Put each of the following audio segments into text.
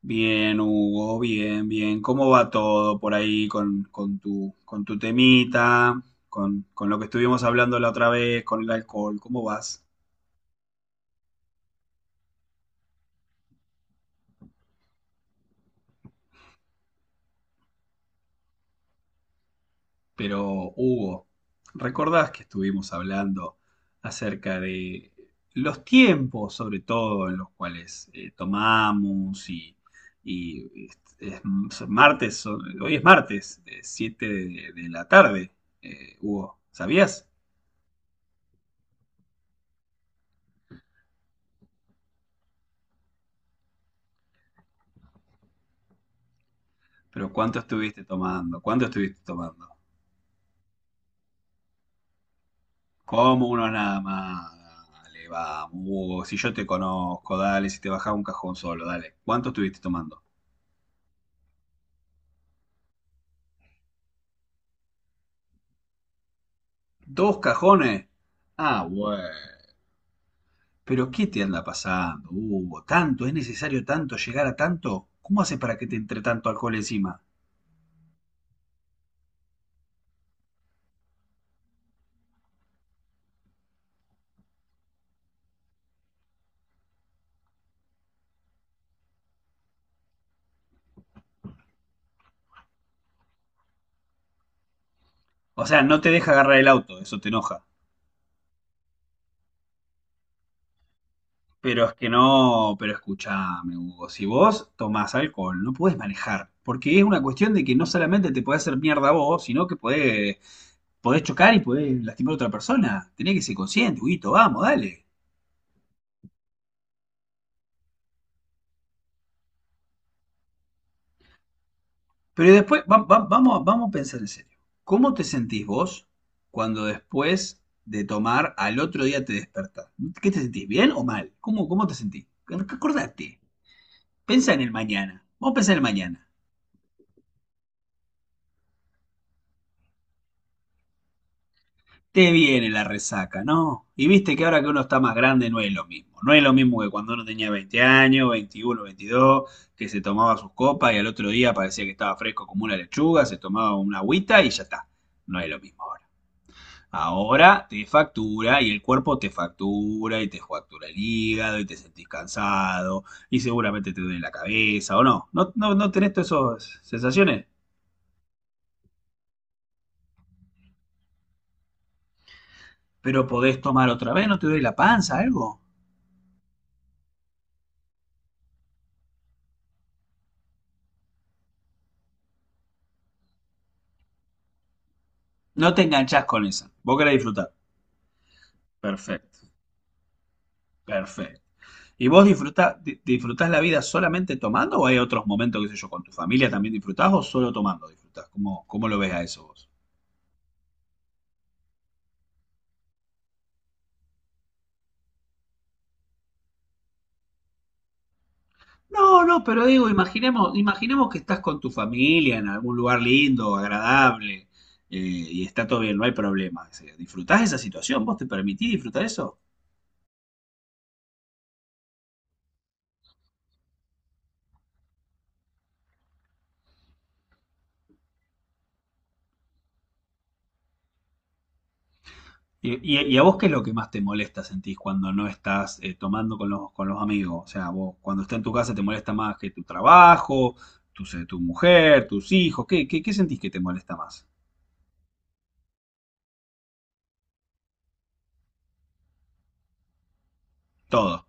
Bien, Hugo, bien, bien. ¿Cómo va todo por ahí con tu, con tu temita, con lo que estuvimos hablando la otra vez, con el alcohol? ¿Cómo vas? Pero, Hugo, ¿recordás que estuvimos hablando acerca de los tiempos, sobre todo, en los cuales tomamos y es martes, hoy es martes, 7 de la tarde, Hugo, ¿sabías? Pero ¿cuánto estuviste tomando? ¿Cuánto estuviste tomando? Como uno nada más. Dale, vamos, Hugo. Si yo te conozco, dale, si te bajaba un cajón solo, dale. ¿Cuánto estuviste tomando? ¿Dos cajones? Ah, bueno. Pero ¿qué te anda pasando, Hugo? ¿Tanto? ¿Es necesario tanto llegar a tanto? ¿Cómo haces para que te entre tanto alcohol encima? O sea, no te deja agarrar el auto, eso te enoja. Pero es que no, pero escuchame, Hugo, si vos tomás alcohol, no podés manejar, porque es una cuestión de que no solamente te podés hacer mierda vos, sino que podés chocar y podés lastimar a otra persona. Tenés que ser consciente, Huguito, vamos, dale. Pero después, vamos, vamos a pensar en serio. ¿Cómo te sentís vos cuando después de tomar al otro día te despertás? ¿Qué te sentís? ¿Bien o mal? ¿Cómo, cómo te sentís? Acordate, pensá en el mañana. Vamos a pensar en el mañana. Te viene la resaca, ¿no? Y viste que ahora que uno está más grande no es lo mismo. No es lo mismo que cuando uno tenía 20 años, 21, 22, que se tomaba sus copas y al otro día parecía que estaba fresco como una lechuga, se tomaba una agüita y ya está. No es lo mismo ahora. Ahora te factura y el cuerpo te factura y te factura el hígado y te sentís cansado y seguramente te duele la cabeza o no. ¿No, no, no tenés todas esas sensaciones? Pero podés tomar otra vez, no te duele la panza, algo. No te enganchás con esa. Vos querés disfrutar. Perfecto, perfecto. ¿Y vos disfruta, disfrutás la vida solamente tomando o hay otros momentos, qué sé yo, con tu familia también disfrutás o solo tomando disfrutás? ¿Cómo, cómo lo ves a eso vos? No, no, pero digo, imaginemos, imaginemos que estás con tu familia en algún lugar lindo, agradable, y está todo bien, no hay problema. Disfrutás esa situación, ¿vos te permitís disfrutar eso? ¿Y, y a vos qué es lo que más te molesta, sentís, cuando no estás tomando con los amigos? O sea, vos cuando estás en tu casa te molesta más que tu trabajo, tu, tu mujer, tus hijos. ¿Qué, qué, qué sentís que te molesta más? Todo.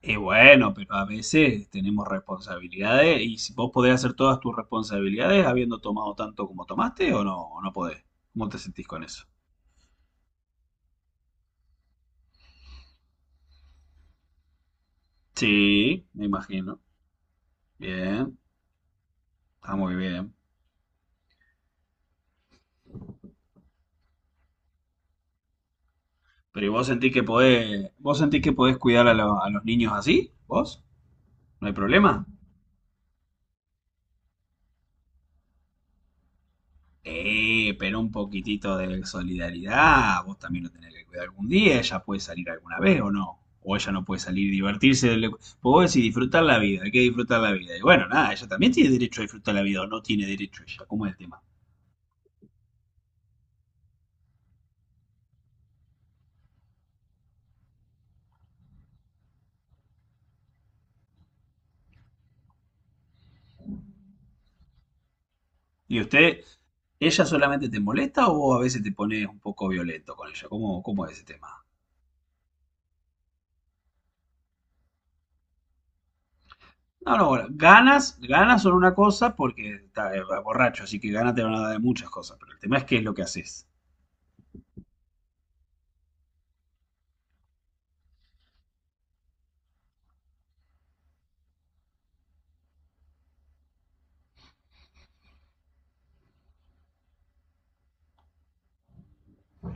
Y bueno, pero a veces tenemos responsabilidades y si vos podés hacer todas tus responsabilidades habiendo tomado tanto como tomaste o no podés. ¿Cómo te sentís con eso? Sí, me imagino. Bien, está muy bien. Pero ¿y vos sentís que podés, vos sentís que podés cuidar a, a los niños así? ¿Vos? ¿No hay problema? Pero un poquitito de solidaridad, vos también lo tenés que cuidar algún día, ella puede salir alguna vez o no, o ella no puede salir y divertirse, pues vos decís disfrutar la vida, hay que disfrutar la vida, y bueno, nada, ella también tiene derecho a disfrutar la vida o no tiene derecho ella, ¿cómo es el tema? ¿Y usted, ella solamente te molesta o vos a veces te pones un poco violento con ella? ¿Cómo, cómo es ese tema? No, no, bueno, ganas, ganas son una cosa porque está borracho, así que ganas te van a dar de muchas cosas, pero el tema es qué es lo que haces.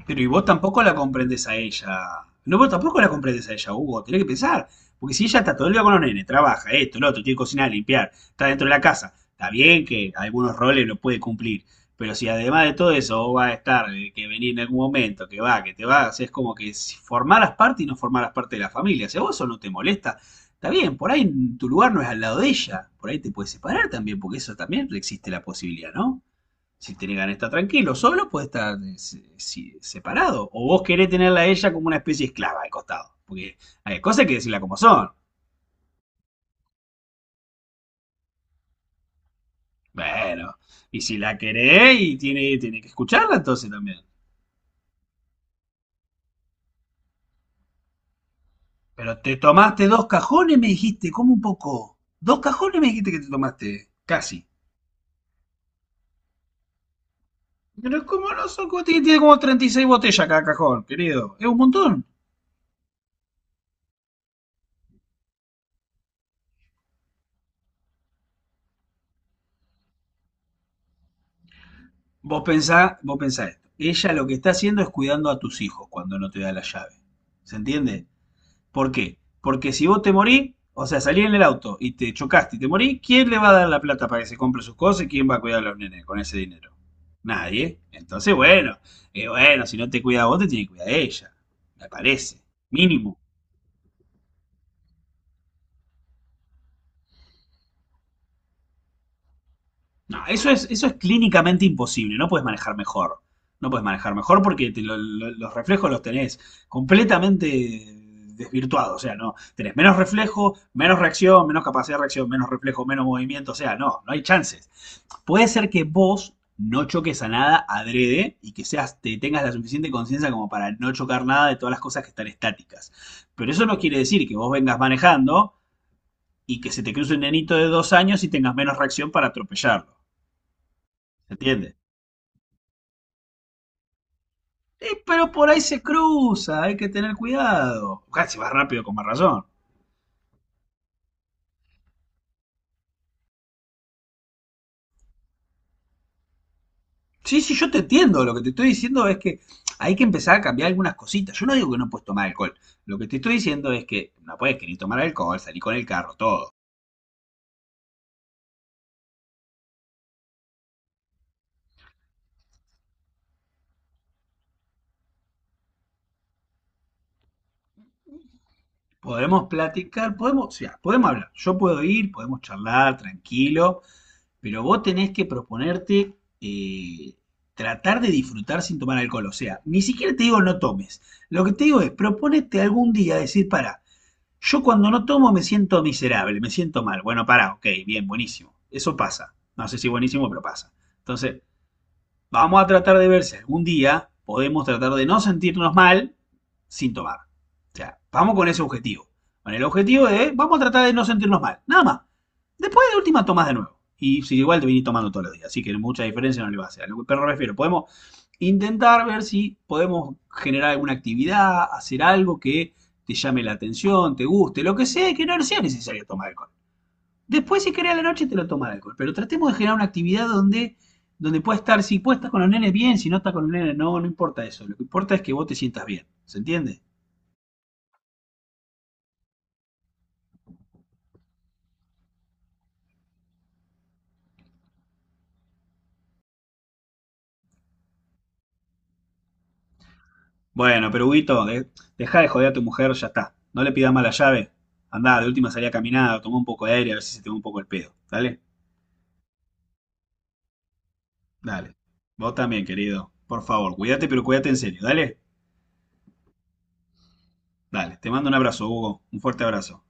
Pero y vos tampoco la comprendés a ella. No, vos tampoco la comprendés a ella, Hugo. Tenés que pensar. Porque si ella está todo el día con los nenes, trabaja, esto, lo otro, tiene que cocinar, limpiar, está dentro de la casa. Está bien que algunos roles lo puede cumplir. Pero si además de todo eso vos vas a estar, que venir en algún momento, que va, que te vas, es como que si formaras parte y no formaras parte de la familia. Si a vos eso no te molesta, está bien, por ahí tu lugar no es al lado de ella. Por ahí te puedes separar también, porque eso también existe la posibilidad, ¿no? Si tiene ganas de estar tranquilo, solo puede estar separado. O vos querés tenerla a ella como una especie de esclava al costado. Porque hay cosas que decirla como son. Bueno, y si la querés y tiene, tiene que escucharla entonces también. Pero te tomaste dos cajones, me dijiste, como un poco. Dos cajones me dijiste que te tomaste, casi. Pero como no son, como tiene, tiene como 36 botellas cada cajón, querido. Es un montón. Vos pensá esto. Ella lo que está haciendo es cuidando a tus hijos cuando no te da la llave. ¿Se entiende? ¿Por qué? Porque si vos te morís, o sea, salí en el auto y te chocaste y te morís, ¿quién le va a dar la plata para que se compre sus cosas y quién va a cuidar a los nenes con ese dinero? Nadie. Entonces, bueno, bueno, si no te cuida vos, te tiene que cuidar ella. Me parece. Mínimo. No, eso es clínicamente imposible. No puedes manejar mejor. No puedes manejar mejor porque los reflejos los tenés completamente desvirtuados. O sea, no. Tenés menos reflejo, menos reacción, menos capacidad de reacción, menos reflejo, menos movimiento. O sea, no, no hay chances. Puede ser que vos no choques a nada adrede y que seas, te tengas la suficiente conciencia como para no chocar nada de todas las cosas que están estáticas. Pero eso no quiere decir que vos vengas manejando y que se te cruce un nenito de 2 años y tengas menos reacción para atropellarlo. ¿Se entiende? Pero por ahí se cruza, hay que tener cuidado. Casi vas rápido con más razón. Sí, sí, yo te entiendo. Lo que te estoy diciendo es que hay que empezar a cambiar algunas cositas. Yo no digo que no puedes tomar alcohol. Lo que te estoy diciendo es que no puedes querer tomar alcohol, salir con el carro, todo. Podemos platicar, podemos, o sea, podemos hablar. Yo puedo ir, podemos charlar tranquilo, pero vos tenés que proponerte eh, tratar de disfrutar sin tomar alcohol. O sea, ni siquiera te digo no tomes. Lo que te digo es, proponete algún día decir, para, yo cuando no tomo me siento miserable, me siento mal. Bueno, para, ok, bien, buenísimo. Eso pasa. No sé si buenísimo, pero pasa. Entonces, vamos a tratar de ver si algún día podemos tratar de no sentirnos mal sin tomar. O sea, vamos con ese objetivo. Con el objetivo de, vamos a tratar de no sentirnos mal. Nada más. Después de última tomás de nuevo. Y si igual te vinís tomando todos los días, así que mucha diferencia no le va a hacer. Pero me refiero, podemos intentar ver si podemos generar alguna actividad, hacer algo que te llame la atención, te guste, lo que sea, que no sea necesario tomar alcohol. Después, si querés a la noche, te lo toma el alcohol. Pero tratemos de generar una actividad donde, donde pueda estar, si puedes estar con los nenes bien, si no estás con los nenes, no, no importa eso. Lo que importa es que vos te sientas bien. ¿Se entiende? Bueno, pero Huguito, dejá de joder a tu mujer, ya está. No le pidas más la llave. Andá, de última salí a caminar, toma un poco de aire, a ver si se te va un poco el pedo. ¿Dale? Dale. Vos también, querido. Por favor, cuídate, pero cuídate en serio. ¿Dale? Dale. Te mando un abrazo, Hugo. Un fuerte abrazo.